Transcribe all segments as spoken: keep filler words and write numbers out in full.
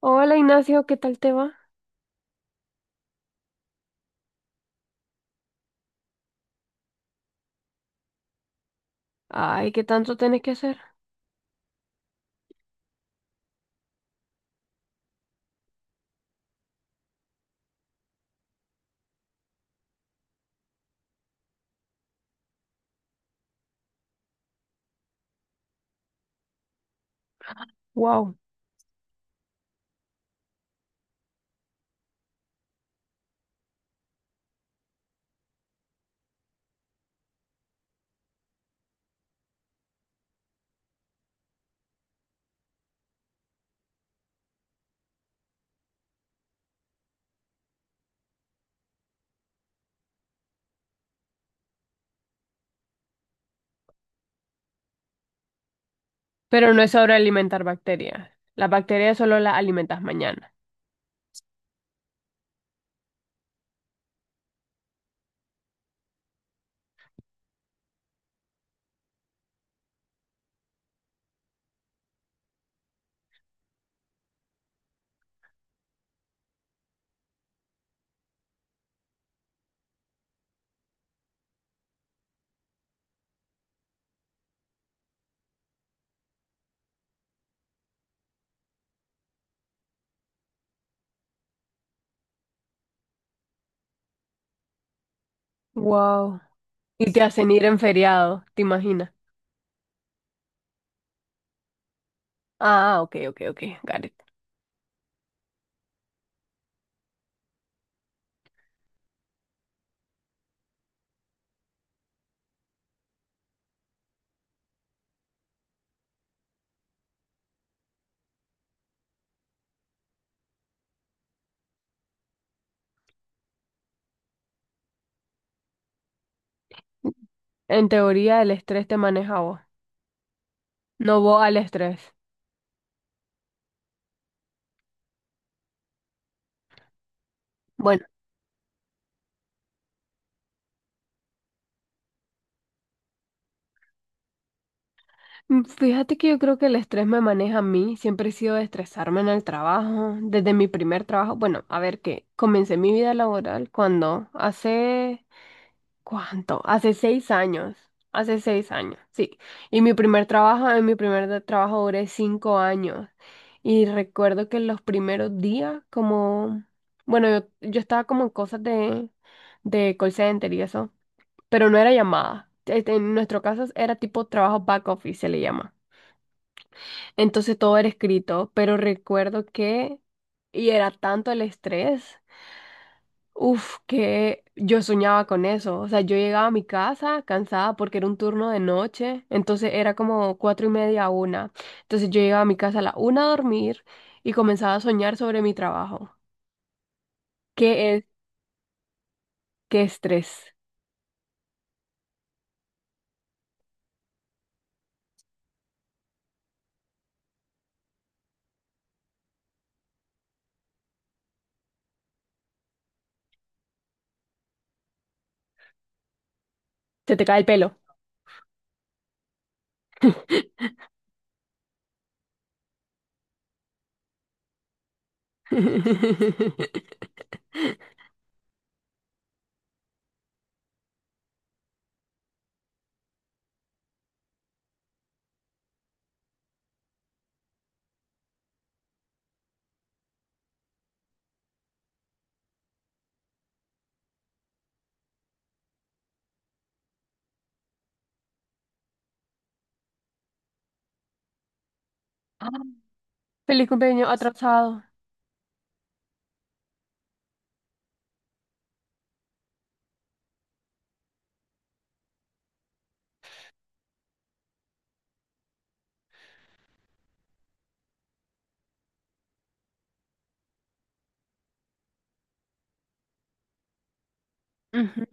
Hola Ignacio, ¿qué tal te va? Ay, ¿qué tanto tienes que hacer? Wow. Pero no es sobre alimentar bacterias. Las bacterias solo las alimentas mañana. Wow. Y te hacen ir en feriado, ¿te imaginas? Ah, ok, ok, ok, got it. En teoría, el estrés te maneja a vos, no vos al estrés. Bueno, mm, fíjate que yo creo que el estrés me maneja a mí. Siempre he sido de estresarme en el trabajo, desde mi primer trabajo. Bueno, a ver que comencé mi vida laboral cuando hace ¿cuánto? Hace seis años. Hace seis años, sí. Y mi primer trabajo, en mi primer de- trabajo duré cinco años. Y recuerdo que los primeros días, como, bueno, yo, yo estaba como en cosas de, de call center y eso, pero no era llamada. Este, en nuestro caso era tipo trabajo back office, se le llama. Entonces todo era escrito, pero recuerdo que, y era tanto el estrés. Uf, que yo soñaba con eso. O sea, yo llegaba a mi casa cansada porque era un turno de noche, entonces era como cuatro y media a una. Entonces yo llegaba a mi casa a la una a dormir y comenzaba a soñar sobre mi trabajo. ¿Qué es? ¿Qué estrés? Se te cae el pelo. Feliz cumpleaños atrasado. Ujú.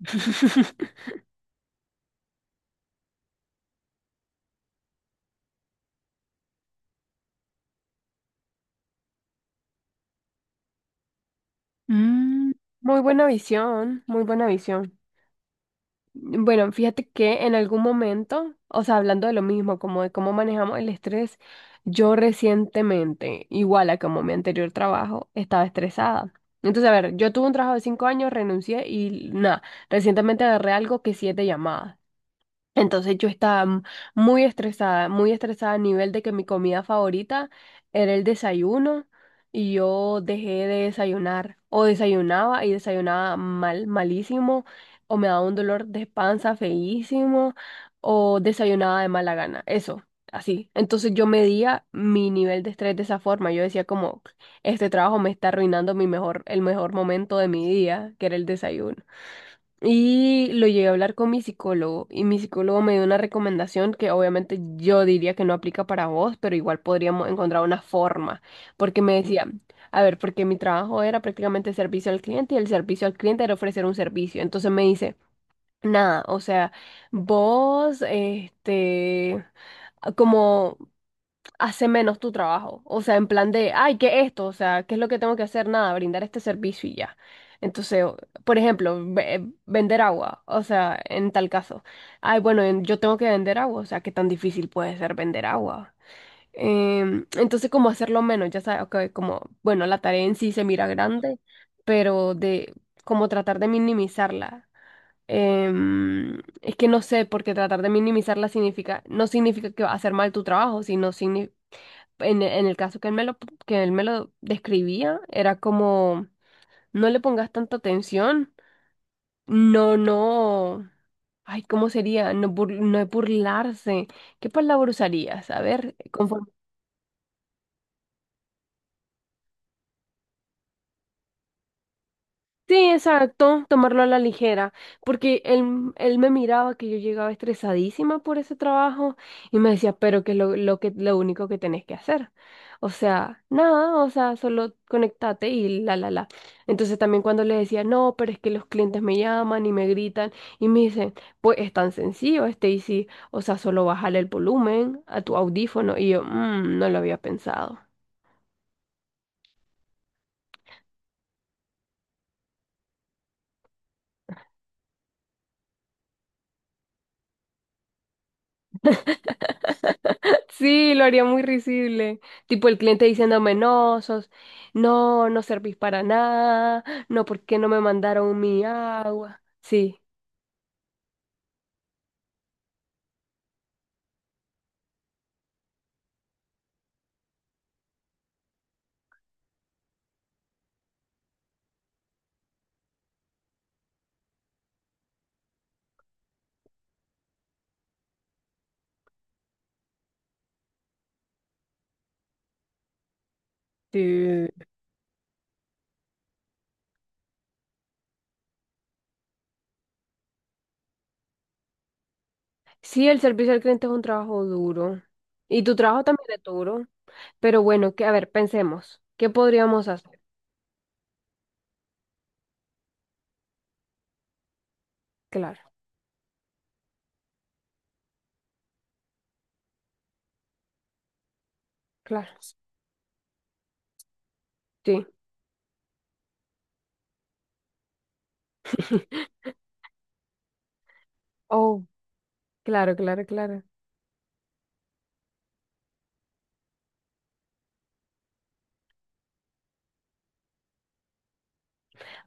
Mm, Muy buena visión, muy buena visión. Bueno, fíjate que en algún momento, o sea, hablando de lo mismo, como de cómo manejamos el estrés, yo recientemente, igual a como mi anterior trabajo, estaba estresada. Entonces, a ver, yo tuve un trabajo de cinco años, renuncié y nada, recientemente agarré algo que siete llamadas. Entonces yo estaba m- muy estresada, muy estresada a nivel de que mi comida favorita era el desayuno y yo dejé de desayunar o desayunaba y desayunaba mal, malísimo, o me daba un dolor de panza feísimo, o desayunaba de mala gana, eso, así. Entonces yo medía mi nivel de estrés de esa forma, yo decía como este trabajo me está arruinando mi mejor, el mejor momento de mi día, que era el desayuno. Y lo llegué a hablar con mi psicólogo y mi psicólogo me dio una recomendación que obviamente yo diría que no aplica para vos, pero igual podríamos encontrar una forma, porque me decía, a ver, porque mi trabajo era prácticamente servicio al cliente y el servicio al cliente era ofrecer un servicio. Entonces me dice, nada, o sea, vos, este, como hace menos tu trabajo. O sea, en plan de, ay, ¿qué es esto? O sea, ¿qué es lo que tengo que hacer? Nada, brindar este servicio y ya. Entonces, o- por ejemplo, ve- eh, vender agua. O sea, en tal caso, ay, bueno, en- yo tengo que vender agua. O sea, ¿qué tan difícil puede ser vender agua? Em, entonces, como hacerlo menos, ya sabes, ok, como, bueno, la tarea en sí se mira grande, pero de como tratar de minimizarla. Em, es que no sé, porque tratar de minimizarla significa, no significa que va a hacer mal tu trabajo, sino significa en, e- en el caso que él me lo, que él me lo describía, era como, no le pongas tanta atención, no, no, ay, ¿cómo sería? No, bur- no es burlarse, ¿qué palabra usarías? A ver, sí, exacto, tomarlo a la ligera, porque él, él me miraba que yo llegaba estresadísima por ese trabajo y me decía, pero que es lo, lo que, lo único que tenés que hacer. O sea, nada, o sea, solo conectate y la, la, la. Entonces también cuando le decía, no, pero es que los clientes me llaman y me gritan y me dicen, pues es tan sencillo, Stacy, o sea, solo bájale el volumen a tu audífono y yo, "Mm, no lo había pensado". Sí, lo haría muy risible. Tipo el cliente diciéndome, no, sos, no, no servís para nada, no, ¿por qué no me mandaron mi agua? Sí. Sí, Sí, el servicio al cliente es un trabajo duro. Y tu trabajo también es duro. Pero bueno, que, a ver, pensemos. ¿Qué podríamos hacer? Claro, claro. Sí. Oh, claro, claro, claro.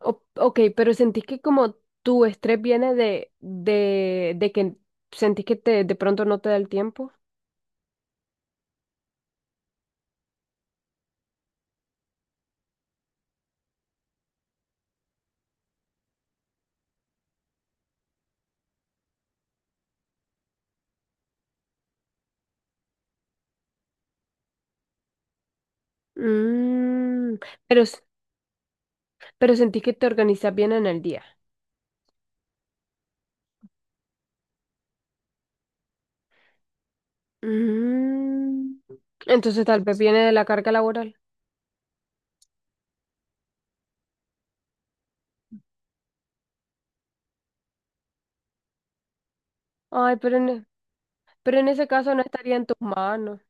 O- ok, pero sentís que como tu estrés viene de, de, de que sentís que te, de pronto no te da el tiempo. Mm, pero, s- pero sentís que te organizas bien en el día. Mm, entonces tal vez viene de la carga laboral. Ay, pero en, pero en ese caso no estaría en tus manos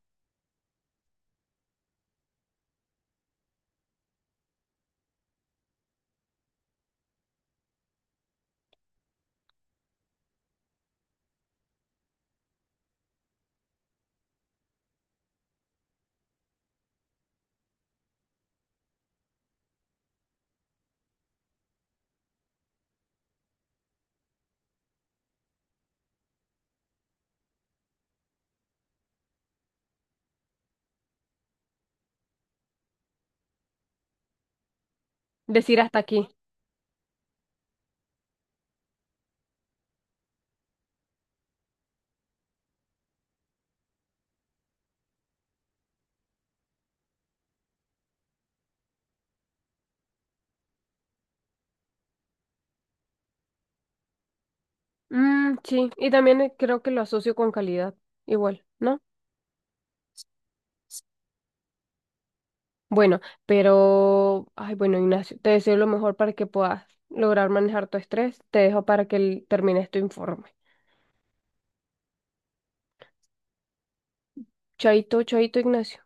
decir hasta aquí. Mm, sí, y también eh, creo que lo asocio con calidad, igual, ¿no? Bueno, pero, ay, bueno, Ignacio, te deseo lo mejor para que puedas lograr manejar tu estrés. Te dejo para que l- termines tu informe. Chaito, chaito, Ignacio.